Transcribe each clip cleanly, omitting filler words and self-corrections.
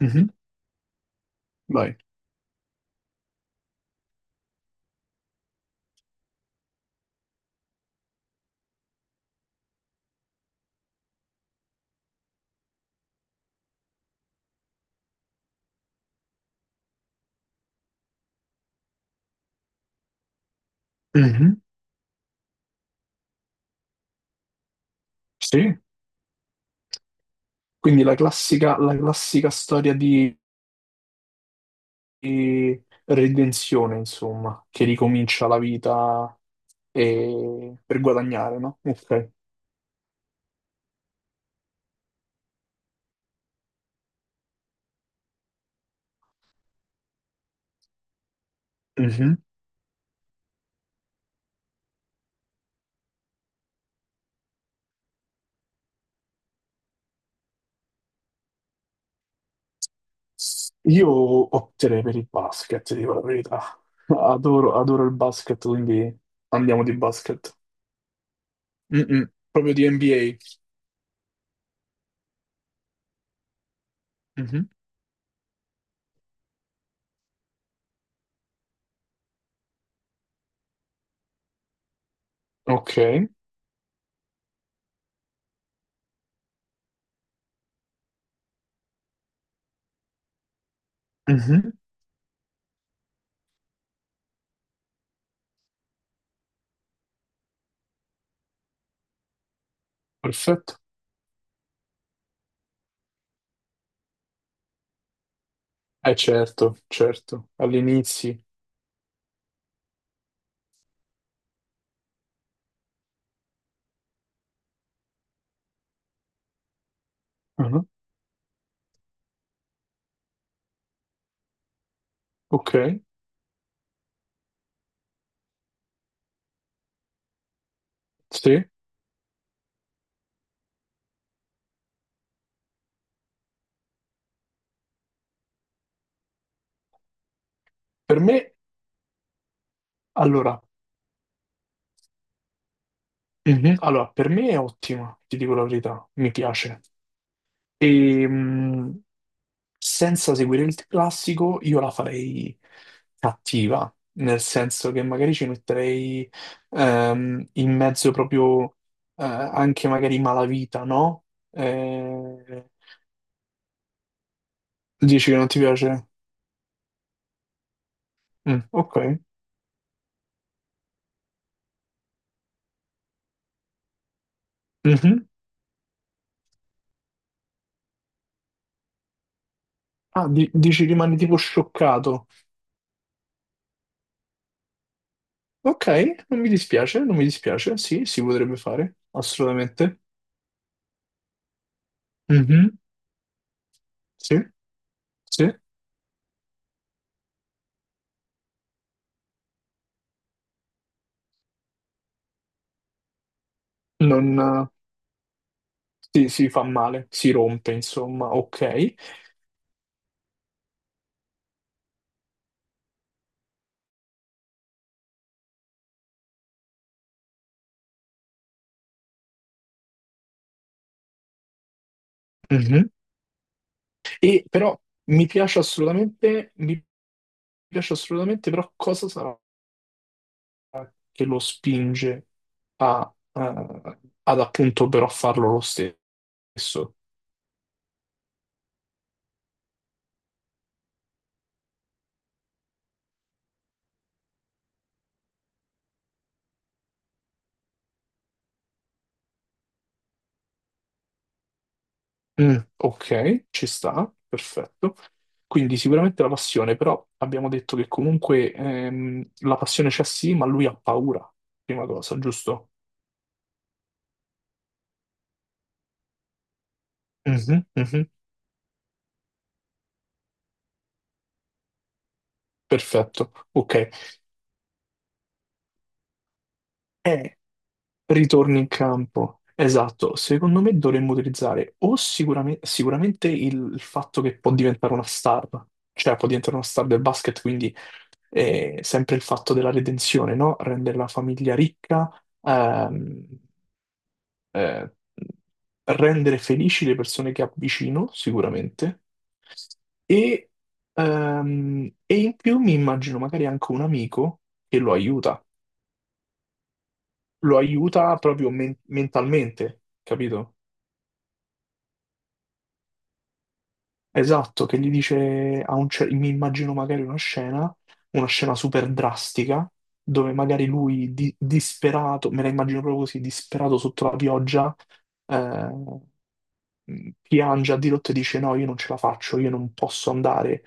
Mhm. Vai. Mhm. Sì. Quindi la classica storia di redenzione, insomma, che ricomincia la vita per guadagnare, no? Ok. Mhm. Io opterei per il basket, dico la verità. Adoro, adoro il basket, quindi andiamo di basket. Mm-mm. Proprio di NBA. Mhm. Ok. Mhm. Perfetto. Eh certo, certo. All'inizio. Mhm. Ok. Sì. Per me, allora, Mhm. allora, per me è ottima, ti dico la verità, mi piace. E, senza seguire il classico, io la farei cattiva, nel senso che magari ci metterei in mezzo proprio anche magari malavita, no? Eh, dici che non ti piace? Mm, ok. Mhm. Ah, dici rimani tipo scioccato. Ok, non mi dispiace, non mi dispiace, sì, si potrebbe fare, assolutamente. Mhm. Sì, sì, non, sì, si fa male, si rompe, insomma, ok. Mhm. E però mi piace assolutamente, però cosa sarà che lo spinge ad appunto però farlo lo stesso? Mm, ok, ci sta, perfetto. Quindi sicuramente la passione, però abbiamo detto che comunque la passione c'è sì, ma lui ha paura, prima cosa, giusto? Mhm, mhm. Perfetto, ok. E ritorni in campo. Esatto, secondo me dovremmo utilizzare o sicuramente il fatto che può diventare una star, cioè può diventare una star del basket, quindi sempre il fatto della redenzione, no? Rendere la famiglia ricca. Ehm, eh, rendere felici le persone che avvicino, sicuramente, e, e in più mi immagino magari anche un amico che lo aiuta proprio mentalmente, capito? Esatto, che gli dice, a un mi immagino magari una scena super drastica, dove magari lui disperato, me la immagino proprio così, disperato sotto la pioggia, eh, piange a dirotto e dice no, io non ce la faccio, io non posso andare,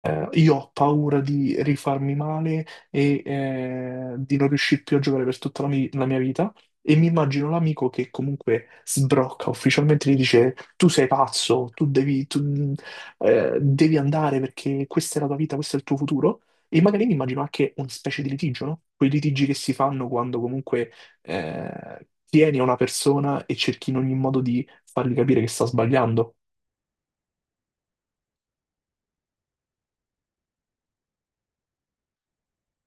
io ho paura di rifarmi male e di non riuscire più a giocare per tutta la mia vita. E mi immagino l'amico che comunque sbrocca ufficialmente e gli dice: Tu sei pazzo, tu, devi andare perché questa è la tua vita, questo è il tuo futuro. E magari mi immagino anche una specie di litigio, no? Quei litigi che si fanno quando comunque tieni a una persona e cerchi in ogni modo di fargli capire che sta sbagliando.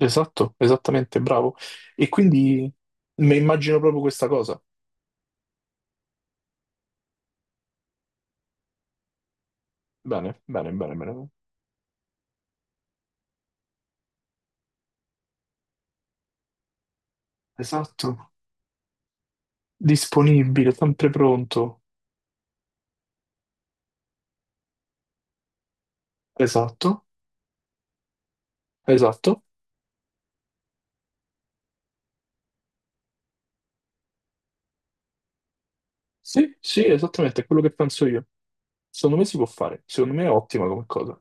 Esatto, esattamente, bravo. E quindi mi immagino proprio questa cosa. Bene, bene, bene, bene. Esatto. Disponibile, sempre pronto. Esatto, esatto. Sì, sì, esattamente, è quello che penso io. Secondo me si può fare, secondo me è ottima come cosa.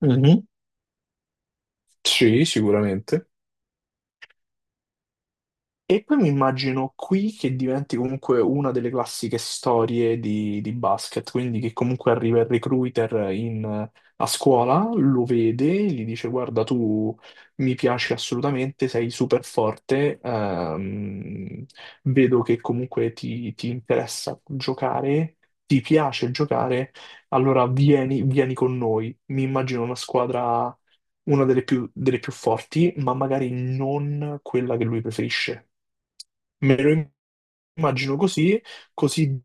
Mhm. Sì, sicuramente. E poi mi immagino qui che diventi comunque una delle classiche storie di basket, quindi che comunque arriva il recruiter a scuola, lo vede, gli dice guarda tu mi piaci assolutamente, sei super forte, vedo che comunque ti, ti interessa giocare, ti piace giocare, allora vieni, vieni con noi. Mi immagino una squadra una delle più forti, ma magari non quella che lui preferisce. Me lo immagino così, così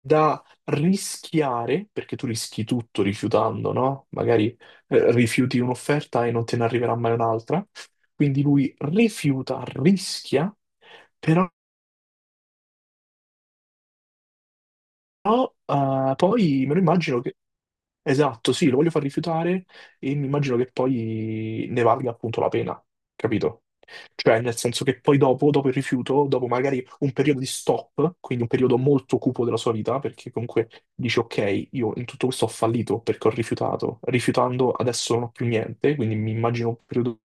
da rischiare, perché tu rischi tutto rifiutando, no? Magari rifiuti un'offerta e non te ne arriverà mai un'altra. Quindi lui rifiuta, rischia, però. Però poi me lo immagino che... Esatto, sì, lo voglio far rifiutare e mi immagino che poi ne valga appunto la pena, capito? Cioè, nel senso che poi dopo, dopo il rifiuto, dopo magari un periodo di stop, quindi un periodo molto cupo della sua vita, perché comunque dici, ok, io in tutto questo ho fallito perché ho rifiutato, rifiutando adesso non ho più niente, quindi mi immagino un periodo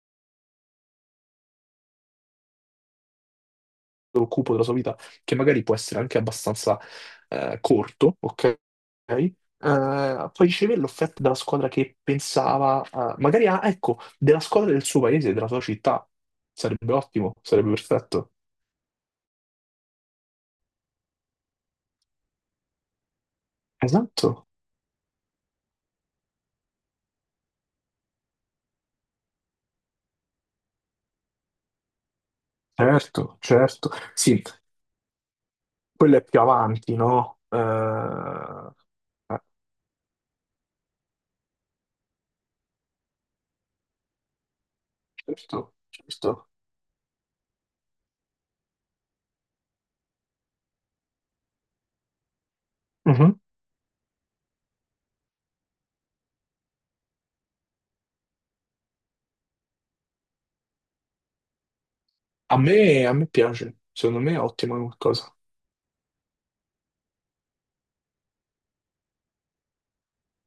occupo della sua vita, che magari può essere anche abbastanza corto, ok? Eh, poi riceve l'offerta dalla squadra che pensava, magari ah, ecco, della squadra del suo paese, della sua città. Sarebbe ottimo, sarebbe perfetto. Esatto, certo, certo. Sì, quello è più avanti, no? Eh, certo, certo. Mhm. A me piace, secondo me è ottima come cosa.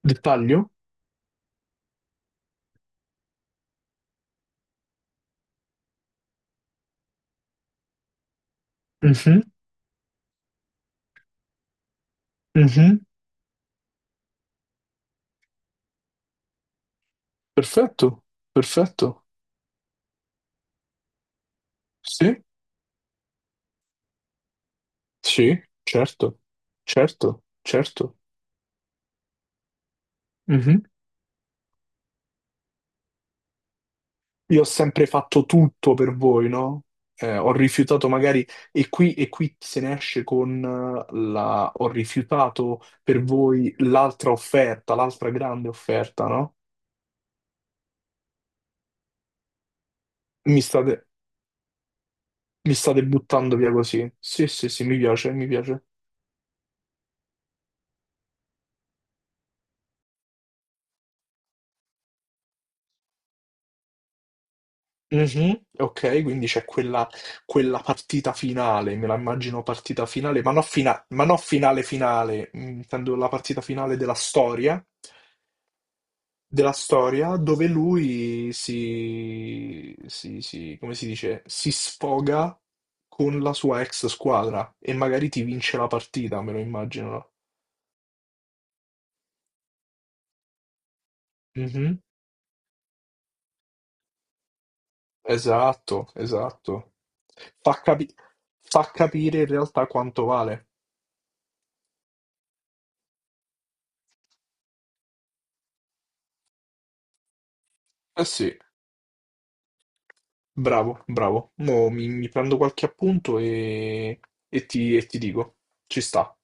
Dettaglio? Mhm, mhm. Perfetto, perfetto. Sì, sì, certo, certo, certo. Mhm. Io ho sempre fatto tutto per voi, no? Ho rifiutato magari, e qui se ne esce con la... Ho rifiutato per voi l'altra offerta, l'altra grande offerta, no? Mi state, mi state buttando via così. Sì, sì, sì, mi piace, mi piace. Mhm, ok, quindi c'è quella, quella partita finale, me la immagino partita finale, ma non, ma non finale finale, mm, intendo la partita finale della storia dove lui come si dice, si sfoga con la sua ex squadra e magari ti vince la partita, me lo immagino. Mhm. Esatto, esatto. Fa capi- fa capire in realtà quanto vale. Eh sì. Bravo, bravo. Mo mi prendo qualche appunto e ti dico. Ci sta.